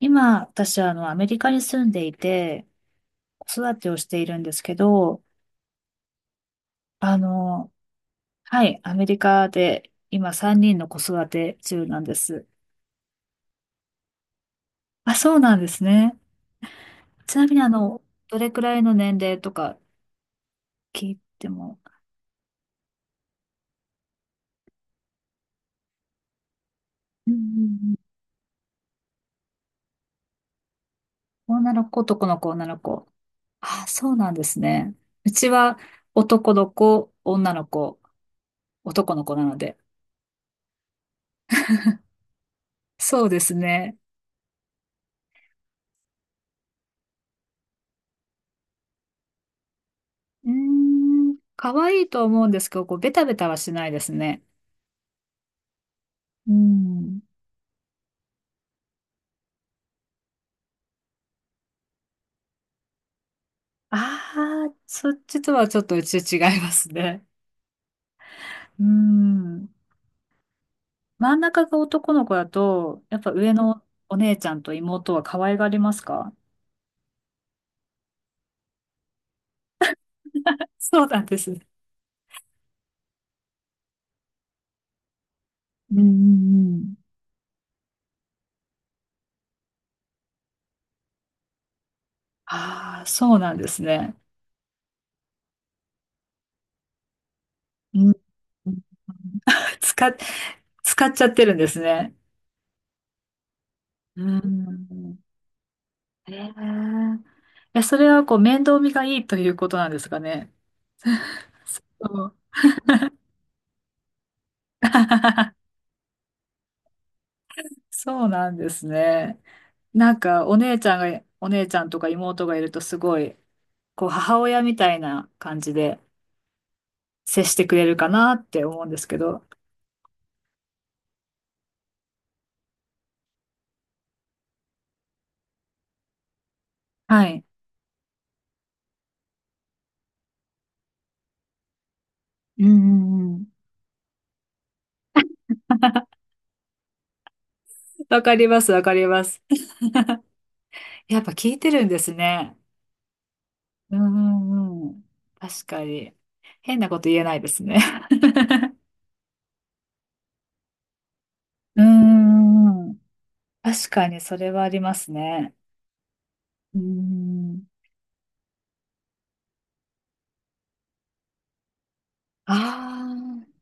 今、私はアメリカに住んでいて、子育てをしているんですけど、あの、はい、アメリカで今3人の子育て中なんです。あ、そうなんですね。ちなみにどれくらいの年齢とか聞いても？うんうんうん。女の子、男の子、女の子。あ、そうなんですね。うちは男の子、女の子、男の子なので。そうですね。可愛いと思うんですけど、こう、ベタベタはしないですね。うん。ああ、そっちとはちょっとうち違いますね。うん。真ん中が男の子だと、やっぱ上のお姉ちゃんと妹は可愛がりますか？そうなんですね。うんうんうん。ああ、そうなんですね。うん。使っ、使っちゃってるんですね。うん。ええ。いや、それはこう面倒見がいいということなんですかね。うん。そうなんですね。なんかお姉ちゃんとか妹がいるとすごい、こう母親みたいな感じで接してくれるかなって思うんですけど。はい。うんうんうん。わかります、わかります。やっぱ聞いてるんですね。うんうんうん。確かに。変なこと言えないですね。うんうんうん。確かにそれはありますね。うん。あ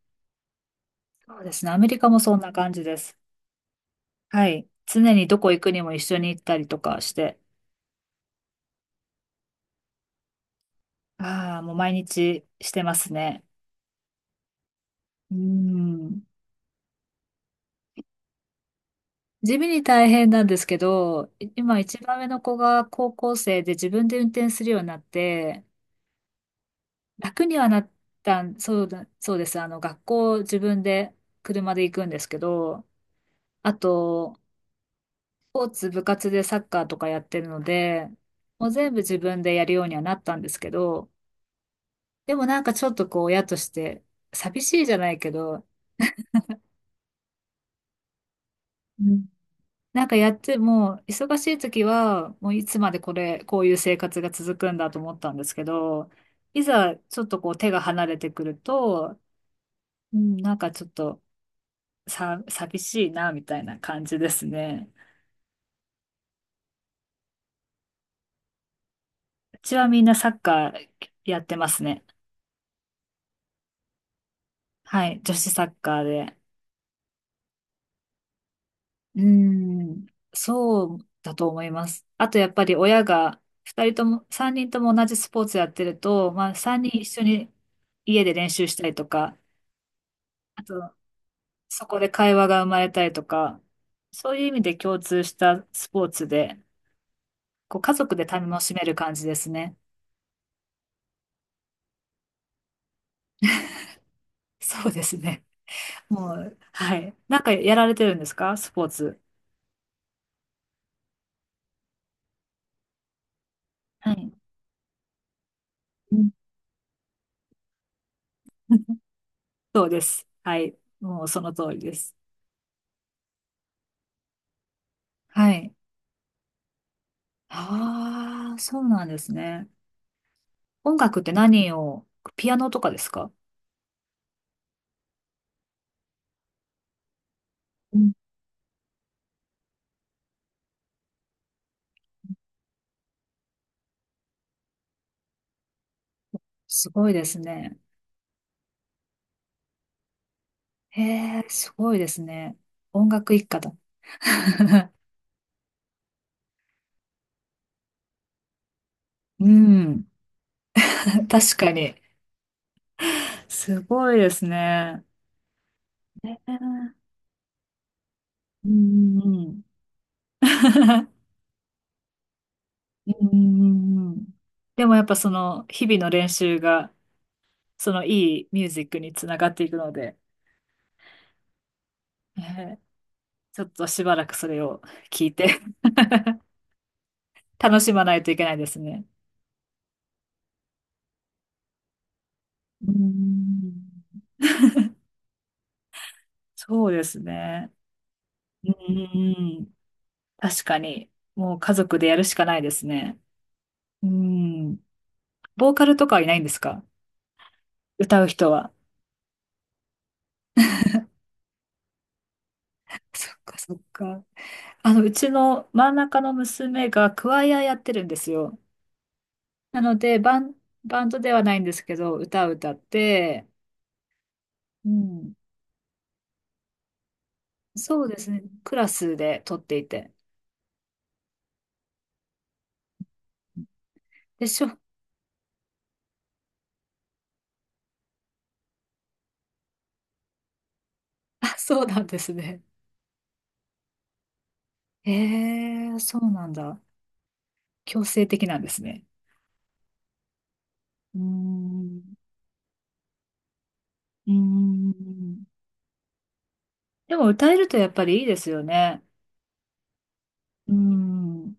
あ、そうですね。アメリカもそんな感じです。はい。常にどこ行くにも一緒に行ったりとかして。ああ、もう毎日してますね。うん。地味に大変なんですけど、今一番上の子が高校生で自分で運転するようになって、楽にはなったん、そうだ、そうです。学校自分で車で行くんですけど、あと、スポーツ部活でサッカーとかやってるので、もう全部自分でやるようにはなったんですけど、でもなんかちょっとこう親として寂しいじゃないけど、うんなんかやっても、忙しい時は、もういつまでこういう生活が続くんだと思ったんですけど、いざちょっとこう手が離れてくると、うん、なんかちょっと寂しいな、みたいな感じですね。うちはみんなサッカーやってますね。はい、女子サッカーで。うーん、そうだと思います。あとやっぱり親が、二人とも、三人とも同じスポーツやってると、まあ三人一緒に家で練習したりとか、あとそこで会話が生まれたりとか、そういう意味で共通したスポーツで、こう家族で楽しめる感じですね。そうですね。もう、はい。なんかやられてるんですか、スポーツ？はい。うん。 そうです。はい。もうその通りです。はい。ああ、そうなんですね。音楽って何を、ピアノとかですか？うん。すごいですね。へえ、すごいですね。音楽一家だ。うん。確かに。すごいですね。うんうんうん。 うん。んでもやっぱその日々の練習がそのいいミュージックにつながっていくので、えーちょっとしばらくそれを聞いて 楽しまないといけないですね。うん。そうですね。うんうんうん。確かに、もう家族でやるしかないですね。うん。ボーカルとかはいないんですか？歌う人は。そっかそっか。うちの真ん中の娘がクワイアやってるんですよ。なので、バンドではないんですけど、歌を歌って、うん、そうですね、クラスで撮っていて。でしょ？あ、そうなんですね。へえ、そうなんだ。強制的なんですね。うーん、うーん。でも歌えるとやっぱりいいですよね。うーん、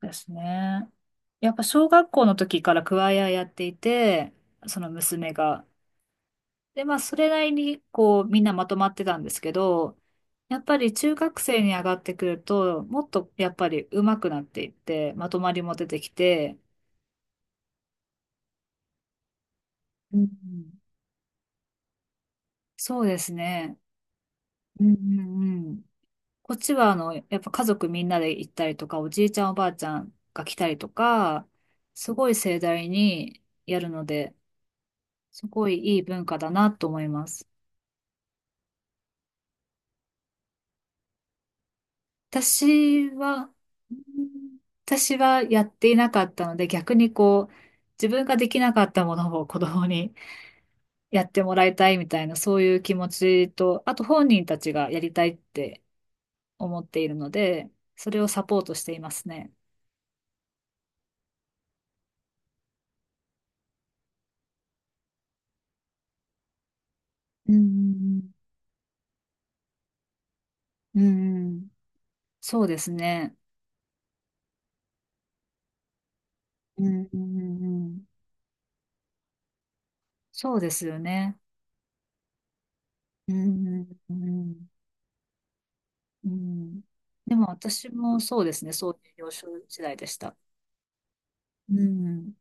ですね。やっぱ小学校の時からクワイアやっていて、その娘が。で、まあ、それなりに、こう、みんなまとまってたんですけど、やっぱり中学生に上がってくると、もっとやっぱり上手くなっていって、まとまりも出てきて、うん。そうですね。うんうんうん。こっちは、やっぱ家族みんなで行ったりとか、おじいちゃんおばあちゃんが来たりとか、すごい盛大にやるので、すごいいい文化だなと思います。私は、うん私はやっていなかったので、逆にこう、自分ができなかったものを 子供にやってもらいたいみたいな、そういう気持ちと、あと本人たちがやりたいって思っているので、それをサポートしていますね。うん、うんうん、うんうん。そうですね。うん、うん、うんうん。そうですよね。うん、うん、うんうん。うん。でも私もそうですね、そういう幼少時代でした。うん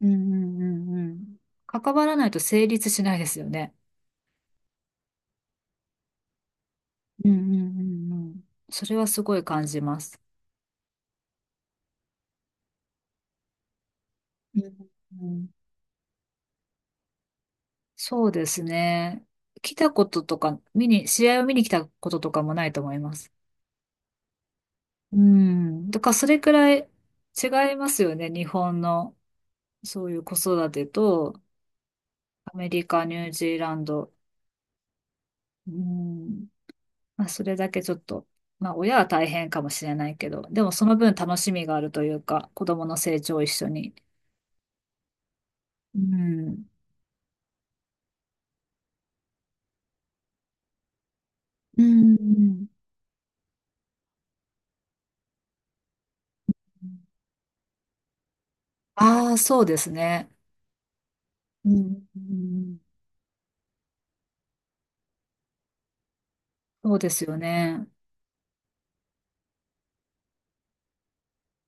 うんうんうんうん。関わらないと成立しないですよね。うんうんうんうん。それはすごい感じます。うんうん。そうですね。来たこととか、試合を見に来たこととかもないと思います。うん。だからそれくらい違いますよね。日本のそういう子育てと、アメリカ、ニュージーランド。うん。まあ、それだけちょっと、まあ、親は大変かもしれないけど、でもその分楽しみがあるというか、子供の成長を一緒に。うん。うん。ああ、そうですね。うん。うん。そうですよね。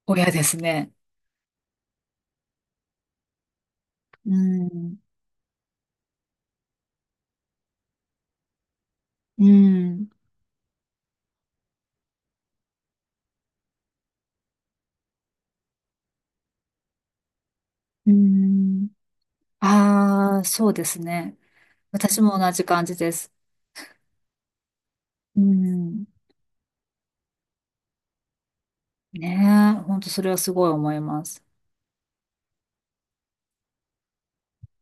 親ですね。うん。うん。うん。ああ、そうですね。私も同じ感じです。うん。ねえ、本当それはすごい思います。